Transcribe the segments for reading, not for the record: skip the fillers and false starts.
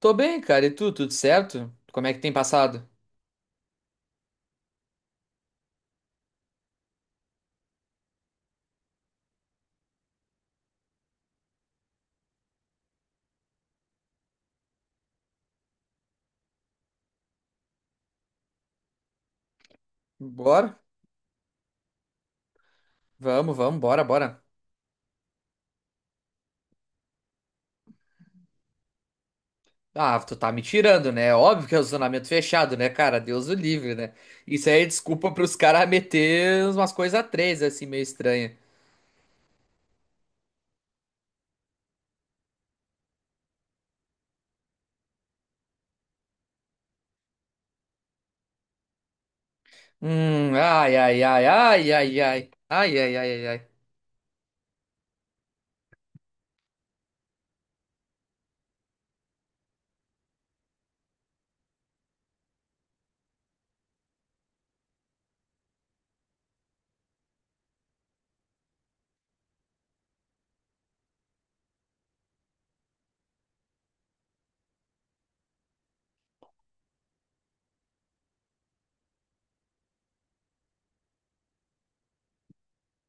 Tô bem, cara. E tu, tudo certo? Como é que tem passado? Bora? Vamos, bora, bora. Ah, tu tá me tirando, né? Óbvio que é o zonamento fechado, né, cara? Deus o livre, né? Isso aí é desculpa pros caras meter umas coisas a três, assim, meio estranha. Ai, ai, ai, ai, ai, ai. Ai, ai, ai, ai, ai.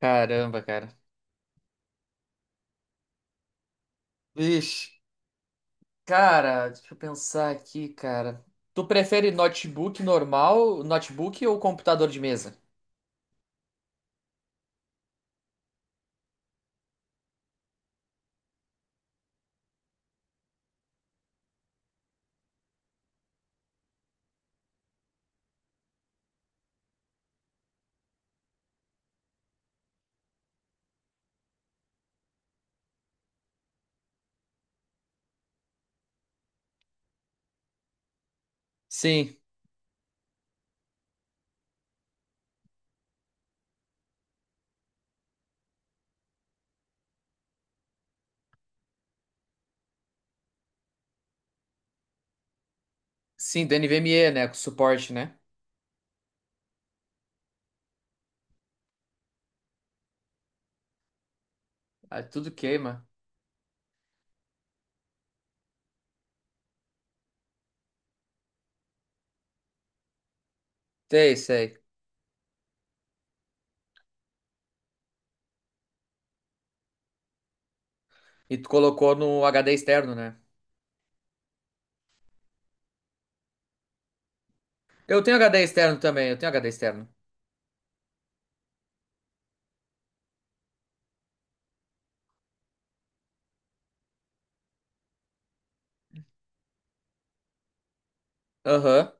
Caramba, cara. Vixe, cara, deixa eu pensar aqui, cara. Tu prefere notebook normal, notebook ou computador de mesa? Sim, sim, do NVMe, né? Com suporte, né? Ah, tudo queima. Sei, sei. E tu colocou no HD externo, né? Eu tenho HD externo também, eu tenho HD externo. Aham.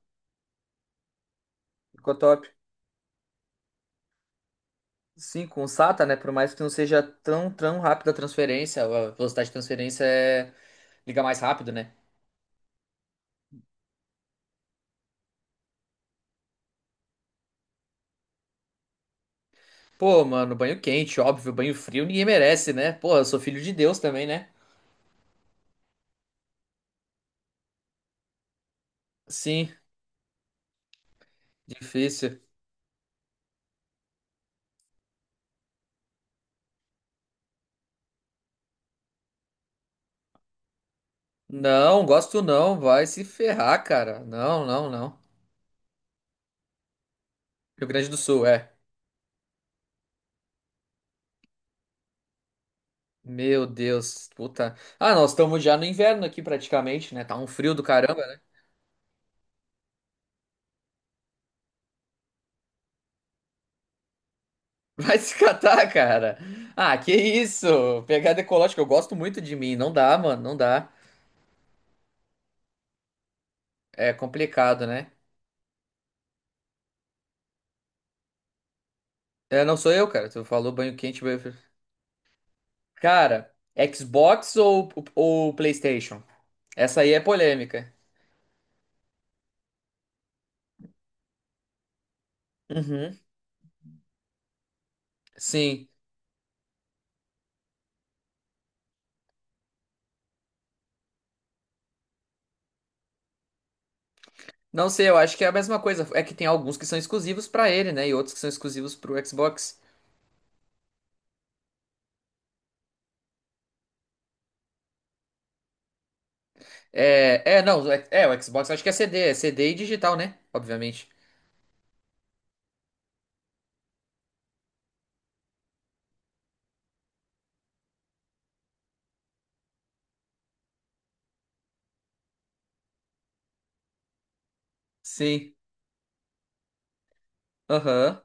Ficou top. Sim, com o SATA, né? Por mais que não seja tão rápida a transferência, a velocidade de transferência é liga mais rápido, né? Pô, mano, banho quente, óbvio, banho frio ninguém merece, né? Pô, eu sou filho de Deus também, né? Sim, difícil. Não, gosto não, vai se ferrar, cara. Não, não, não. Rio Grande do Sul, é. Meu Deus, puta. Ah, nós estamos já no inverno aqui praticamente, né? Tá um frio do caramba, né? Vai se catar, cara. Ah, que isso? Pegada ecológica, eu gosto muito de mim. Não dá, mano, não dá. É complicado, né? É, não sou eu, cara. Tu falou banho quente, banho frio. Cara, Xbox ou PlayStation? Essa aí é polêmica. Uhum. Sim. Não sei, eu acho que é a mesma coisa. É que tem alguns que são exclusivos pra ele, né? E outros que são exclusivos pro Xbox. É, é, não, é, é, o Xbox acho que é CD, é CD e digital, né? Obviamente. Sim, aham.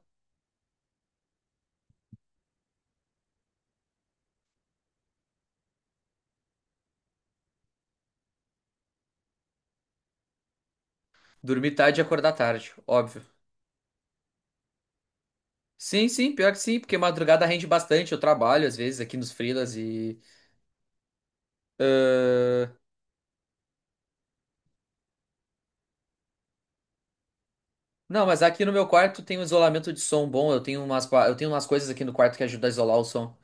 Dormir tarde e acordar tarde, óbvio. Sim, sim, pior que sim, porque madrugada rende bastante. Eu trabalho às vezes aqui nos freelas e ãh, não, mas aqui no meu quarto tem um isolamento de som bom. Eu tenho umas, eu tenho umas coisas aqui no quarto que ajudam a isolar o som.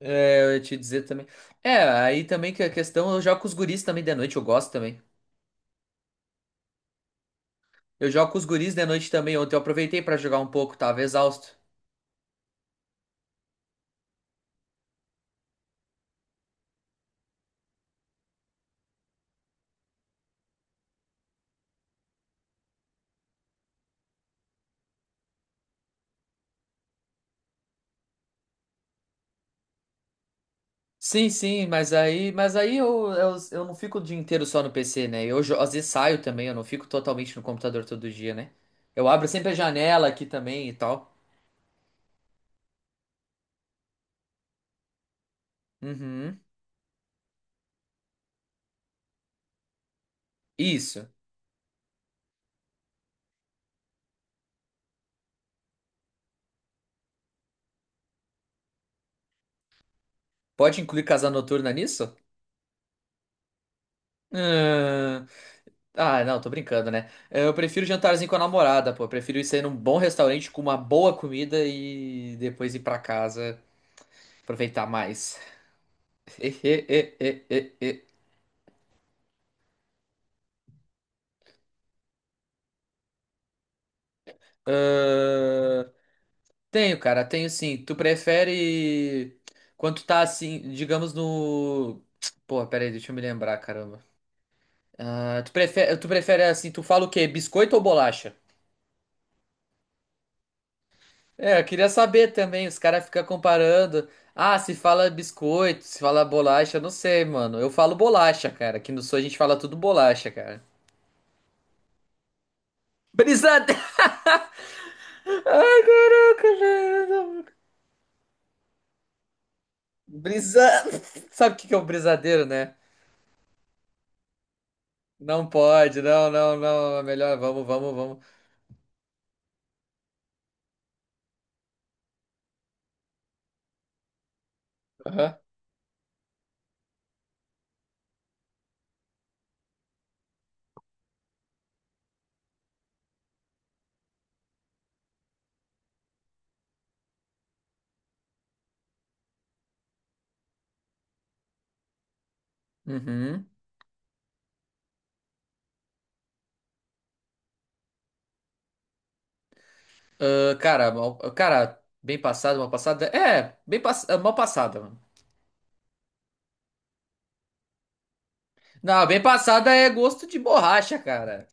É, eu ia te dizer também. É, aí também que a questão, eu jogo com os guris também de noite, eu gosto também. Eu jogo com os guris de noite também. Ontem eu aproveitei pra jogar um pouco, tava exausto. Sim, sim, mas aí eu não fico o dia inteiro só no PC, né? Eu às vezes saio também, eu não fico totalmente no computador todo dia, né? Eu abro sempre a janela aqui também e tal. Uhum. Isso. Pode incluir casa noturna nisso? Ahn, Ah, não, tô brincando, né? Eu prefiro jantarzinho com a namorada, pô. Eu prefiro ir sair num bom restaurante com uma boa comida e depois ir pra casa aproveitar mais. Ahn, tenho, cara, tenho sim. Tu prefere quando tu tá assim, digamos no. Porra, pera aí, deixa eu me lembrar, caramba. Ah, tu prefere assim, tu fala o quê? Biscoito ou bolacha? É, eu queria saber também, os caras ficam comparando. Ah, se fala biscoito, se fala bolacha, eu não sei, mano. Eu falo bolacha, cara. Aqui no sul a gente fala tudo bolacha, cara. Brisadeiro! Ai, caraca, velho. Brisa. Sabe o que que é um brisadeiro, né? Não pode, não, não, não. É melhor, vamos, vamos, vamos. Aham. Uhum. Ah, cara, mal, cara, bem passada, mal passada. É, mal passada, mano. Não, bem passada é gosto de borracha, cara.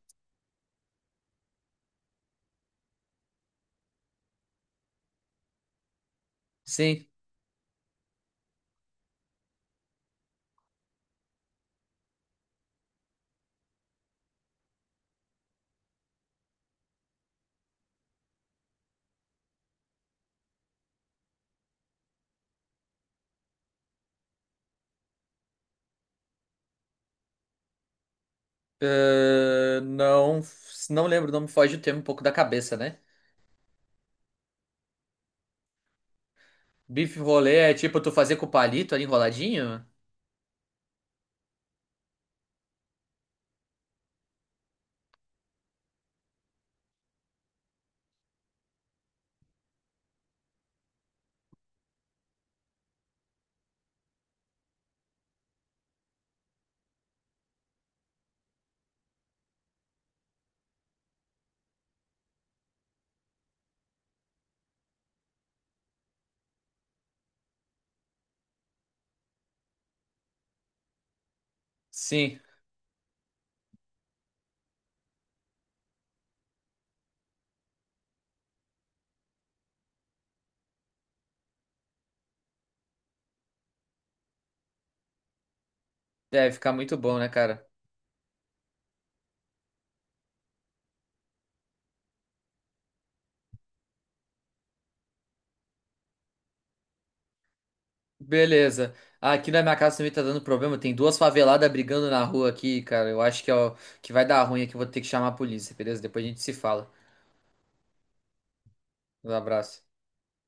Sim. Ah, não, não lembro, não me foge o termo um pouco da cabeça, né? Bife rolê é tipo tu fazer com o palito ali enroladinho? Sim, deve ficar muito bom, né, cara? Beleza. Aqui na minha casa também tá dando problema. Tem duas faveladas brigando na rua aqui, cara. Eu acho que, ó, que vai dar ruim aqui. Eu Vou ter que chamar a polícia, beleza? Depois a gente se fala. Um abraço.